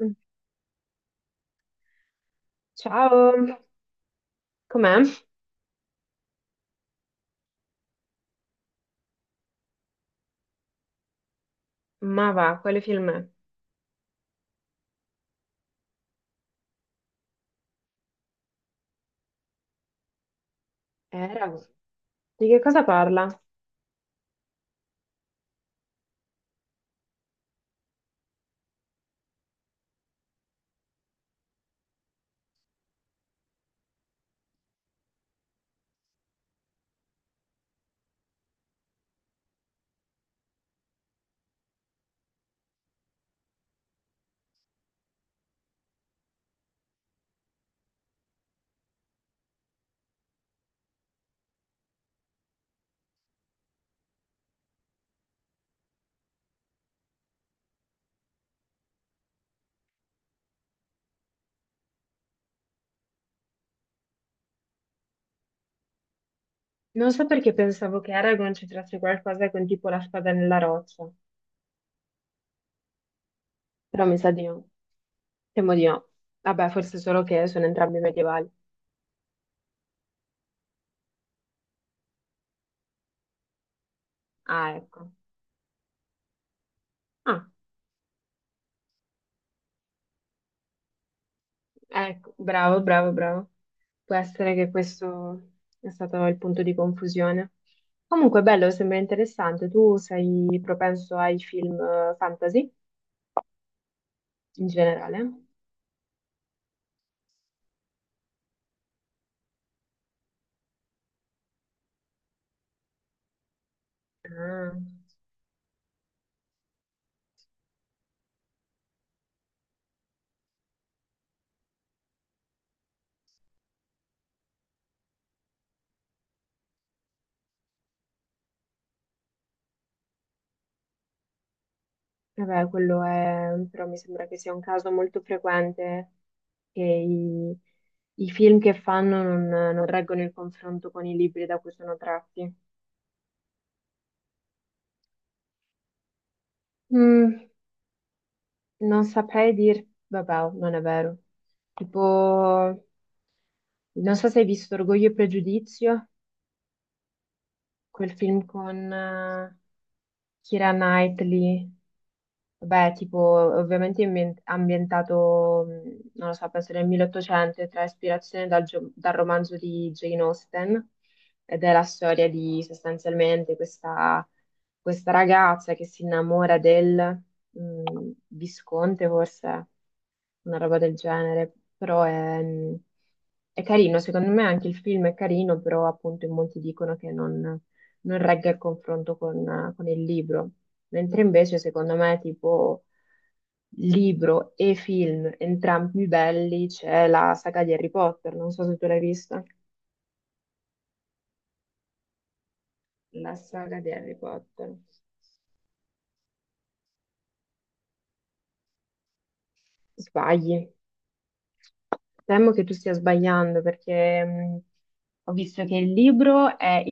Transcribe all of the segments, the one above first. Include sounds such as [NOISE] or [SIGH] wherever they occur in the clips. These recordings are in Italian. Mm, ciao, com'è? Ma va, quale film è? Eragon. Di che cosa parla? Non so perché pensavo che Eragon c'entrasse qualcosa con tipo la spada nella roccia, però mi sa di no. Temo di no. Vabbè, forse solo che sono entrambi medievali. Ah, ecco. Ah, ecco, bravo, bravo, bravo. Può essere che questo è stato il punto di confusione. Comunque, bello, sembra interessante. Tu sei propenso ai film fantasy in generale? Ah. Vabbè, quello è, però mi sembra che sia un caso molto frequente che i film che fanno non reggono il confronto con i libri da cui sono tratti. Mm, non saprei dir, vabbè, non è vero. Tipo, non so se hai visto Orgoglio e Pregiudizio, quel film con Keira Knightley. Beh, tipo, ovviamente ambientato, non lo so, penso nel 1800, e trae ispirazione dal romanzo di Jane Austen, ed è la storia di sostanzialmente questa ragazza che si innamora del visconte, forse, una roba del genere, però è carino, secondo me anche il film è carino, però appunto in molti dicono che non regga il confronto con il libro. Mentre invece secondo me tipo libro e film, entrambi belli, c'è la saga di Harry Potter, non so se tu l'hai vista. La saga di Harry Potter. Sbagli. Temo che tu stia sbagliando perché ho visto che il libro è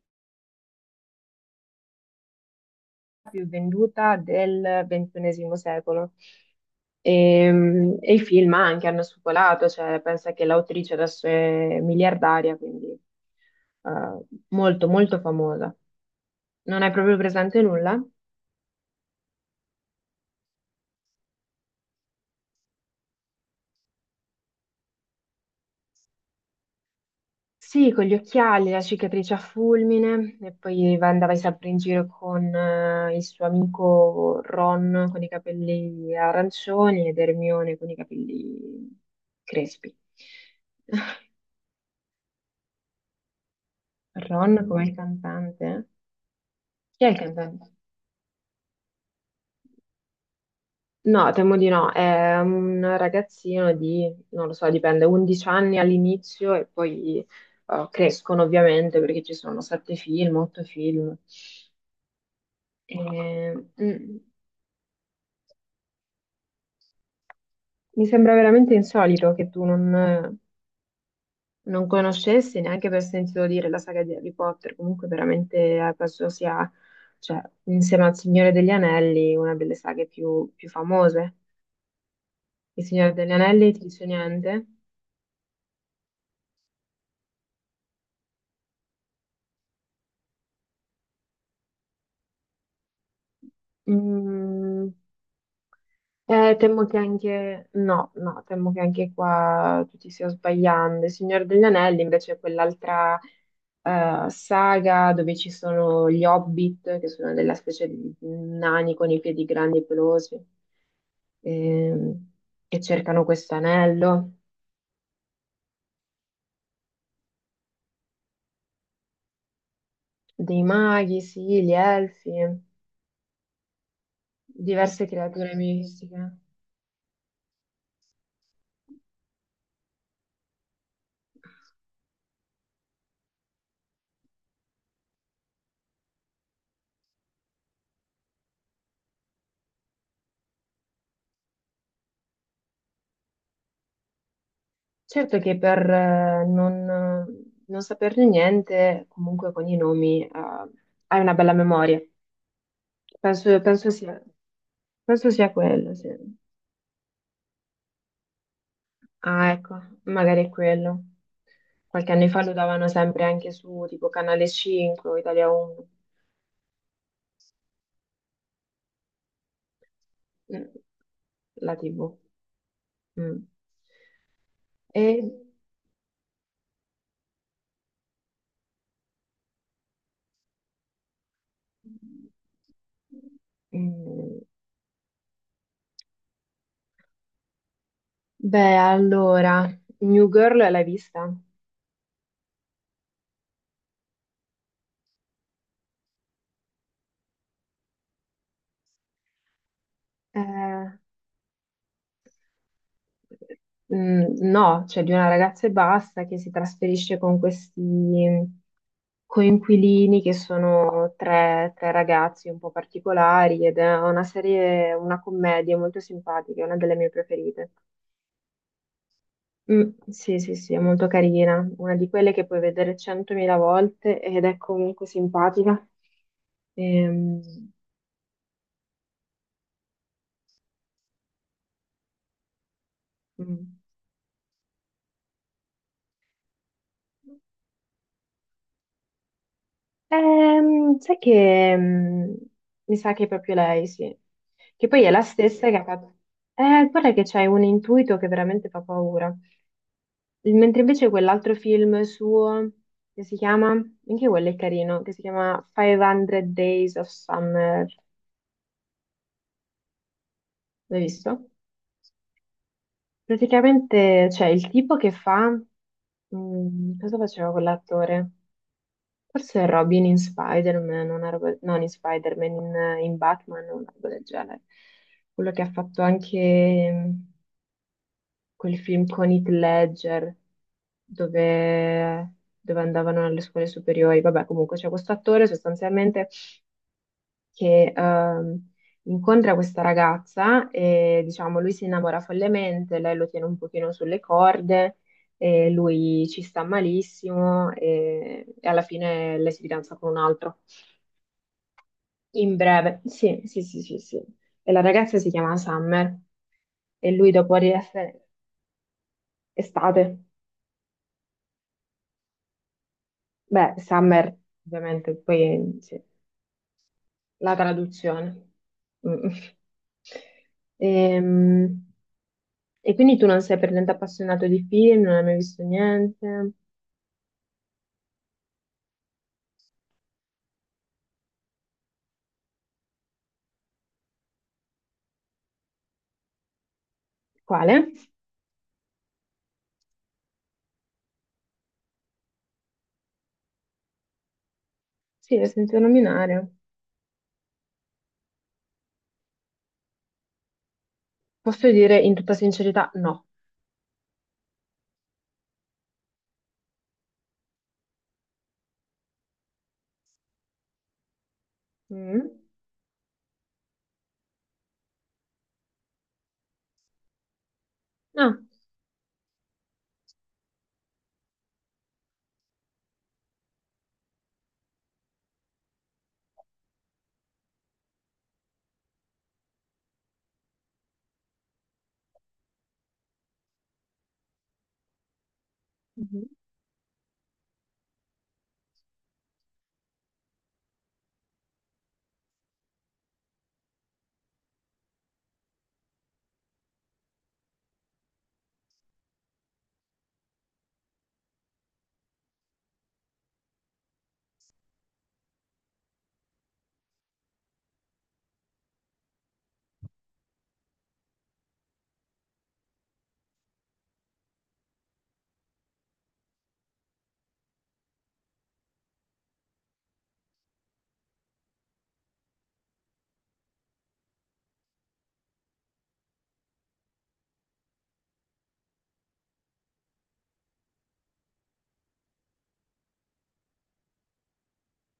la più venduta del XXI secolo e i film anche hanno spopolato, cioè pensa che l'autrice adesso è miliardaria, quindi eh, molto molto famosa. Non hai proprio presente nulla? Sì, con gli occhiali, la cicatrice a fulmine, e poi andava sempre in giro con il suo amico Ron con i capelli arancioni ed Hermione con i capelli crespi. [LAUGHS] Ron come il cantante? Chi è il cantante? No, temo di no, è un ragazzino di, non lo so, dipende, 11 anni all'inizio e poi crescono ovviamente perché ci sono sette film, otto film. Eh, mm, Mi sembra veramente insolito che tu non conoscessi neanche per sentito dire la saga di Harry Potter. Comunque, veramente penso sia, cioè, insieme al Signore degli Anelli, una delle saghe più famose. Il Signore degli Anelli ti dice niente? Mm, temo che anche, no, no, temo che anche qua tu ti stia sbagliando. Il Signore degli Anelli invece è quell'altra. Saga dove ci sono gli Hobbit, che sono della specie di nani con i piedi grandi e pelosi, ehm, che cercano questo anello, dei maghi, sì, gli elfi, diverse creature mistiche. Certo che per non saperne niente, comunque con i nomi, hai una bella memoria. Penso sia, penso sia quello, sì. Ah, ecco, magari è quello. Qualche anno fa lo davano sempre anche su tipo Canale 5 o Italia 1, mm, la TV. Mm. E... mm, beh, allora, New Girl l'hai vista? Eh, no, cioè di una ragazza e basta che si trasferisce con questi coinquilini che sono tre ragazzi un po' particolari ed è una serie, una commedia molto simpatica, è una delle mie preferite. Mm, sì, sì, sì, è molto carina, una di quelle che puoi vedere centomila volte ed è comunque simpatica. Ehm, mm. Sai che mi sa che è proprio lei, sì. Che poi è la stessa che ha fatto. Guarda che c'è un intuito che veramente fa paura. Mentre invece quell'altro film suo, che si chiama, anche quello è carino, che si chiama 500 Days of Summer, l'hai visto? Praticamente c'è il tipo che fa, mm, cosa faceva quell'attore? Forse è Robin in Spider-Man, una roba, non in in Batman, una roba del genere. Quello che ha fatto anche... quel film con Heath Ledger dove, dove andavano alle scuole superiori. Vabbè, comunque c'è questo attore sostanzialmente che incontra questa ragazza e diciamo lui si innamora follemente, lei lo tiene un pochino sulle corde. E lui ci sta malissimo e alla fine lei si fidanza con un altro. In breve, sì, sì, sì, sì, sì. E la ragazza si chiama Summer e lui dopo di essere estate. Beh, Summer, ovviamente, poi sì, la traduzione. Mm. [LAUGHS] Ehm, E quindi tu non sei per niente appassionato di film, non hai mai visto niente? Quale? Sì, l'ho sentito nominare. Posso dire in tutta sincerità no. Mm? Ah. Mhm.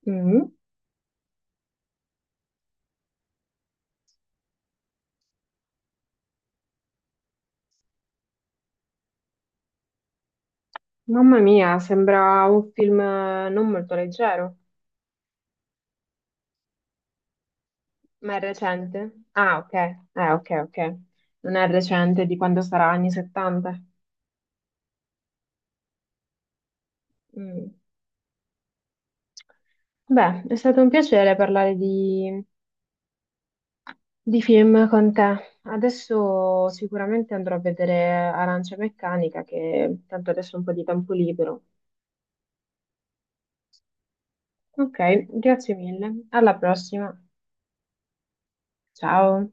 Mm? Mamma mia, sembra un film non molto leggero. Ma è recente? Ah, ok. Ok, ok. Non è recente di quando sarà anni 70. Mm. Beh, è stato un piacere parlare di film con te. Adesso sicuramente andrò a vedere Arancia Meccanica, che tanto adesso ho un po' di tempo libero. Ok, grazie mille. Alla prossima. Ciao.